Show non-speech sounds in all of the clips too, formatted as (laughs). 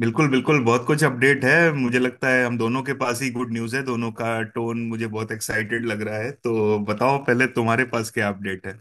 बिल्कुल बिल्कुल, बहुत कुछ अपडेट है। मुझे लगता है हम दोनों के पास ही गुड न्यूज़ है, दोनों का टोन मुझे बहुत एक्साइटेड लग रहा है। तो बताओ, पहले तुम्हारे पास क्या अपडेट है?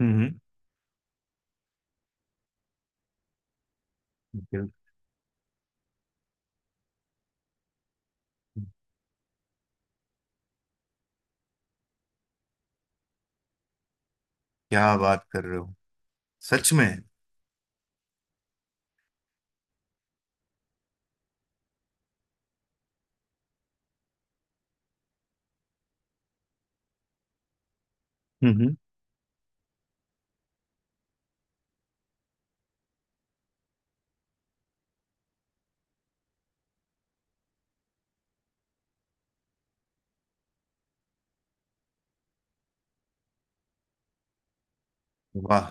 हम्म। हम्म। क्या बात कर रहे हो! सच में? हम्म। वाह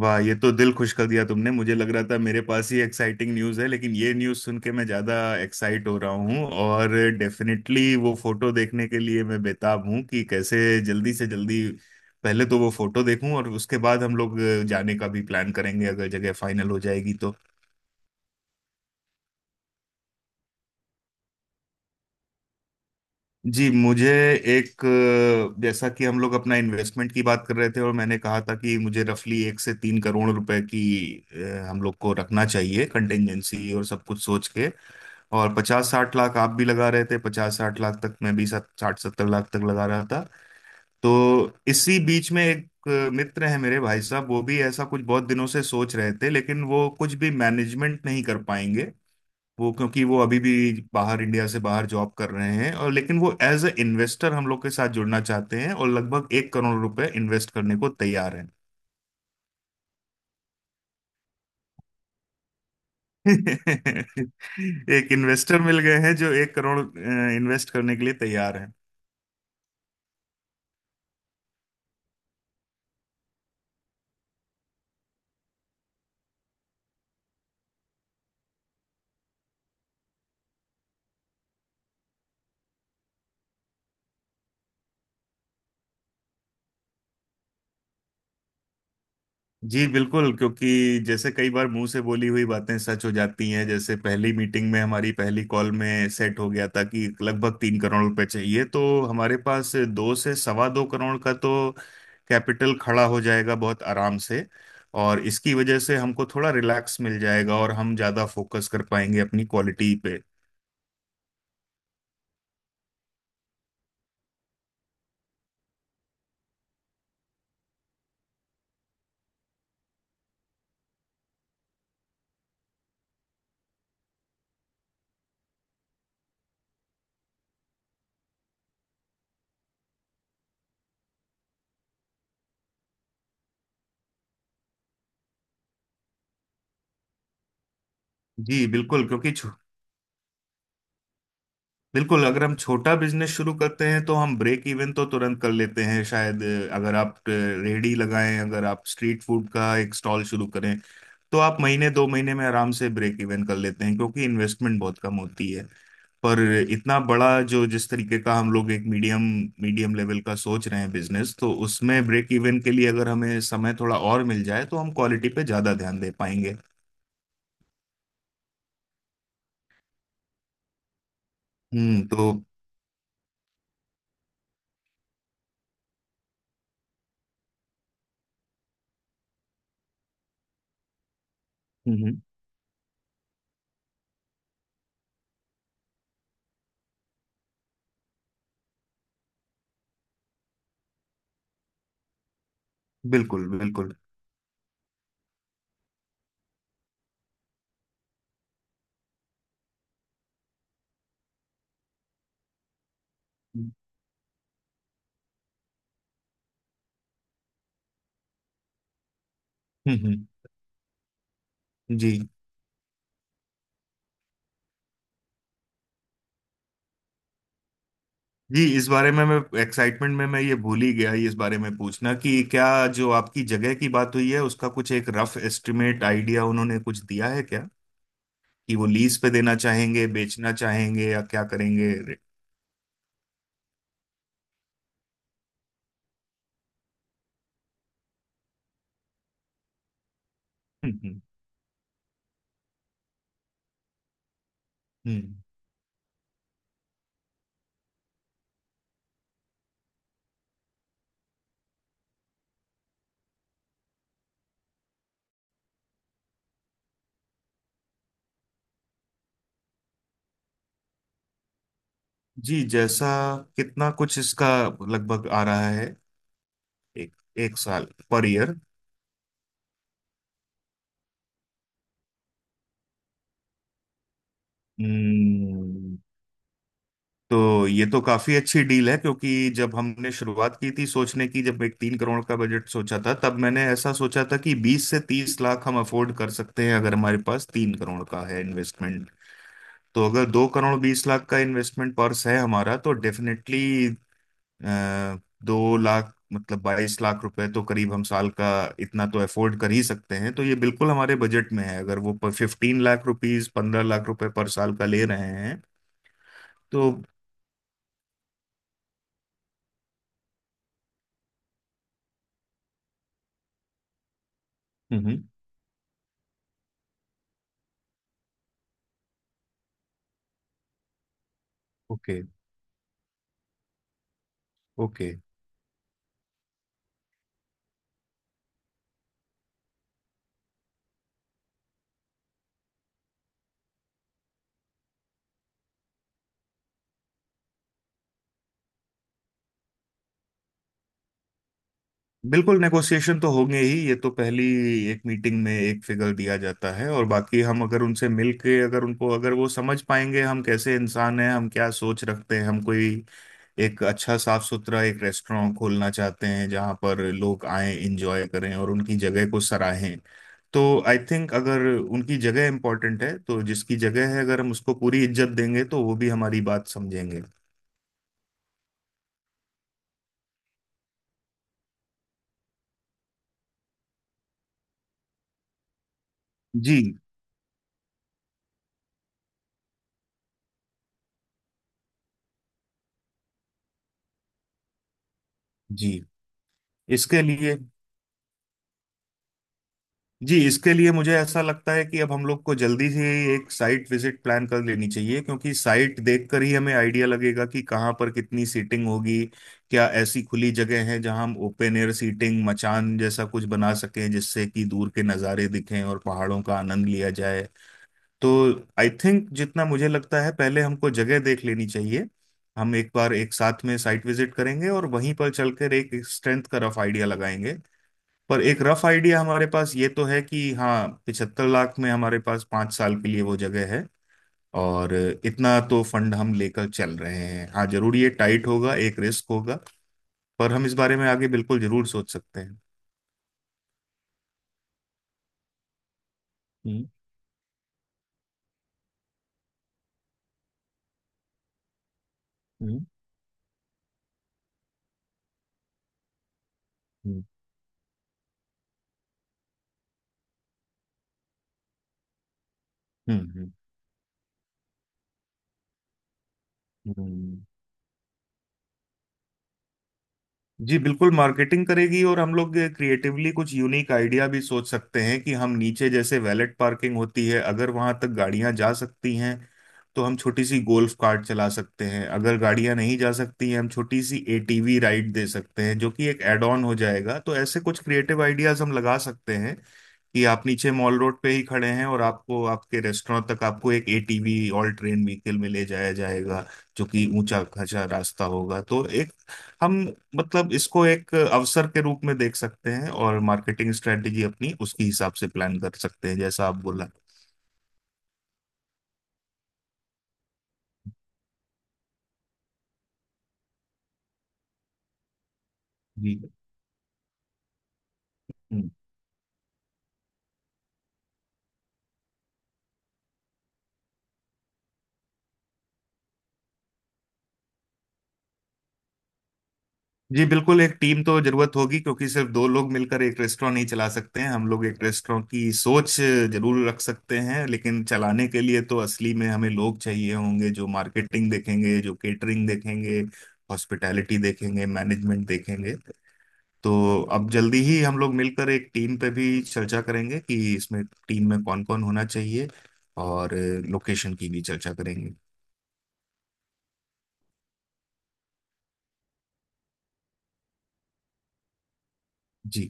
वाह, ये तो दिल खुश कर दिया तुमने। मुझे लग रहा था मेरे पास ही एक्साइटिंग न्यूज़ है, लेकिन ये न्यूज़ सुन के मैं ज़्यादा एक्साइट हो रहा हूँ। और डेफिनेटली वो फोटो देखने के लिए मैं बेताब हूँ कि कैसे जल्दी से जल्दी पहले तो वो फोटो देखूं, और उसके बाद हम लोग जाने का भी प्लान करेंगे, अगर जगह फाइनल हो जाएगी तो। जी, मुझे एक जैसा कि हम लोग अपना इन्वेस्टमेंट की बात कर रहे थे, और मैंने कहा था कि मुझे रफली 1 से 3 करोड़ रुपए की हम लोग को रखना चाहिए कंटेंजेंसी, और सब कुछ सोच के, और 50-60 लाख आप भी लगा रहे थे, 50-60 लाख तक, मैं भी 60-70 लाख तक लगा रहा था। तो इसी बीच में एक मित्र है मेरे, भाई साहब वो भी ऐसा कुछ बहुत दिनों से सोच रहे थे, लेकिन वो कुछ भी मैनेजमेंट नहीं कर पाएंगे, वो क्योंकि वो अभी भी बाहर इंडिया से बाहर जॉब कर रहे हैं, और लेकिन वो एज ए इन्वेस्टर हम लोग के साथ जुड़ना चाहते हैं, और लगभग 1 करोड़ रुपए इन्वेस्ट करने को तैयार हैं। (laughs) एक इन्वेस्टर मिल गए हैं जो 1 करोड़ इन्वेस्ट करने के लिए तैयार हैं। जी बिल्कुल, क्योंकि जैसे कई बार मुंह से बोली हुई बातें सच हो जाती हैं, जैसे पहली मीटिंग में, हमारी पहली कॉल में सेट हो गया था कि लगभग 3 करोड़ रुपए चाहिए, तो हमारे पास 2 से 2.25 करोड़ का तो कैपिटल खड़ा हो जाएगा बहुत आराम से। और इसकी वजह से हमको थोड़ा रिलैक्स मिल जाएगा, और हम ज़्यादा फोकस कर पाएंगे अपनी क्वालिटी पे। जी बिल्कुल, क्योंकि बिल्कुल अगर हम छोटा बिजनेस शुरू करते हैं तो हम ब्रेक इवन तो तुरंत कर लेते हैं शायद। अगर आप रेहड़ी लगाएं, अगर आप स्ट्रीट फूड का एक स्टॉल शुरू करें, तो आप महीने 2 महीने में आराम से ब्रेक इवन कर लेते हैं, क्योंकि इन्वेस्टमेंट बहुत कम होती है। पर इतना बड़ा जो, जिस तरीके का हम लोग एक मीडियम मीडियम लेवल का सोच रहे हैं बिजनेस, तो उसमें ब्रेक इवन के लिए अगर हमें समय थोड़ा और मिल जाए तो हम क्वालिटी पे ज्यादा ध्यान दे पाएंगे। हम्म। तो हम्म। हम्म। बिल्कुल बिल्कुल। हम्म। हम्म। जी। जी, इस बारे में मैं, एक्साइटमेंट में मैं ये भूल ही गया इस बारे में पूछना, कि क्या जो आपकी जगह की बात हुई है उसका कुछ एक रफ एस्टिमेट आइडिया उन्होंने कुछ दिया है क्या? कि वो लीज पे देना चाहेंगे, बेचना चाहेंगे, या क्या करेंगे? हम्म। हम्म। हम्म। जी जैसा, कितना कुछ इसका लगभग आ रहा है? एक एक साल? Per year? तो ये तो काफी अच्छी डील है, क्योंकि जब हमने शुरुआत की थी सोचने की, जब एक 3 करोड़ का बजट सोचा था, तब मैंने ऐसा सोचा था कि 20 से 30 लाख हम अफोर्ड कर सकते हैं, अगर हमारे पास 3 करोड़ का है इन्वेस्टमेंट। तो अगर 2 करोड़ 20 लाख का इन्वेस्टमेंट पर्स है हमारा, तो डेफिनेटली 2 लाख, मतलब 22 लाख रुपए तो करीब हम साल का इतना तो अफोर्ड कर ही सकते हैं। तो ये बिल्कुल हमारे बजट में है, अगर वो 15 लाख रुपीज, 15 लाख रुपए पर साल का ले रहे हैं तो। हम्म। ओके। ओके। बिल्कुल, नेगोशिएशन तो होंगे ही। ये तो पहली एक मीटिंग में एक फिगर दिया जाता है, और बाकी हम अगर उनसे मिल के, अगर वो समझ पाएंगे हम कैसे इंसान हैं, हम क्या सोच रखते हैं, हम कोई एक अच्छा साफ सुथरा एक रेस्टोरेंट खोलना चाहते हैं जहाँ पर लोग आए इंजॉय करें और उनकी जगह को सराहें, तो आई थिंक अगर उनकी जगह इंपॉर्टेंट है, तो जिसकी जगह है अगर हम उसको पूरी इज्जत देंगे तो वो भी हमारी बात समझेंगे। जी जी, इसके लिए जी इसके लिए मुझे ऐसा लगता है कि अब हम लोग को जल्दी से एक साइट विजिट प्लान कर लेनी चाहिए, क्योंकि साइट देखकर ही हमें आइडिया लगेगा कि कहाँ पर कितनी सीटिंग होगी, क्या ऐसी खुली जगह है जहाँ हम ओपन एयर सीटिंग, मचान जैसा कुछ बना सकें जिससे कि दूर के नज़ारे दिखें और पहाड़ों का आनंद लिया जाए। तो आई थिंक, जितना मुझे लगता है, पहले हमको जगह देख लेनी चाहिए, हम एक बार एक साथ में साइट विजिट करेंगे और वहीं पर चलकर एक स्ट्रेंथ का रफ आइडिया लगाएंगे। पर एक रफ आइडिया हमारे पास ये तो है कि हाँ, 75 लाख में हमारे पास 5 साल के लिए वो जगह है, और इतना तो फंड हम लेकर चल रहे हैं। हाँ जरूर, ये टाइट होगा, एक रिस्क होगा, पर हम इस बारे में आगे बिल्कुल जरूर सोच सकते हैं। हम्म। हम्म। हम्म। हम्म। हम्म। हम्म। जी बिल्कुल, मार्केटिंग करेगी, और हम लोग क्रिएटिवली कुछ यूनिक आइडिया भी सोच सकते हैं। कि हम नीचे, जैसे वैलेट पार्किंग होती है, अगर वहां तक गाड़ियां जा सकती हैं तो हम छोटी सी गोल्फ कार्ट चला सकते हैं, अगर गाड़ियां नहीं जा सकती हैं हम छोटी सी एटीवी राइड दे सकते हैं, जो कि एक एड ऑन हो जाएगा। तो ऐसे कुछ क्रिएटिव आइडियाज हम लगा सकते हैं, कि आप नीचे मॉल रोड पे ही खड़े हैं, और आपको आपके रेस्टोरेंट तक, आपको एक एटीवी, ऑल ट्रेन व्हीकल में ले जाया जाएगा, जो कि ऊंचा खचा रास्ता होगा। तो एक हम मतलब इसको एक अवसर के रूप में देख सकते हैं, और मार्केटिंग स्ट्रेटेजी अपनी उसके हिसाब से प्लान कर सकते हैं, जैसा आप बोला। जी। हम्म। जी बिल्कुल, एक टीम तो जरूरत होगी, क्योंकि सिर्फ दो लोग मिलकर एक रेस्टोरेंट नहीं चला सकते हैं। हम लोग एक रेस्टोरेंट की सोच जरूर रख सकते हैं, लेकिन चलाने के लिए तो असली में हमें लोग चाहिए होंगे, जो मार्केटिंग देखेंगे, जो केटरिंग देखेंगे, हॉस्पिटैलिटी देखेंगे, मैनेजमेंट देखेंगे। तो अब जल्दी ही हम लोग मिलकर एक टीम पे भी चर्चा करेंगे कि इसमें टीम में कौन कौन होना चाहिए, और लोकेशन की भी चर्चा करेंगे। जी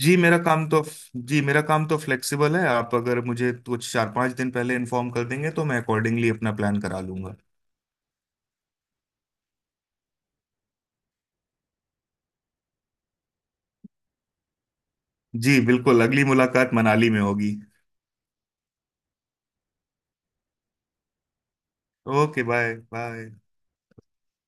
जी, मेरा काम तो फ्लेक्सिबल है। आप अगर मुझे कुछ 4-5 दिन पहले इन्फॉर्म कर देंगे तो मैं अकॉर्डिंगली अपना प्लान करा लूंगा। जी बिल्कुल, अगली मुलाकात मनाली में होगी। Okay, bye bye.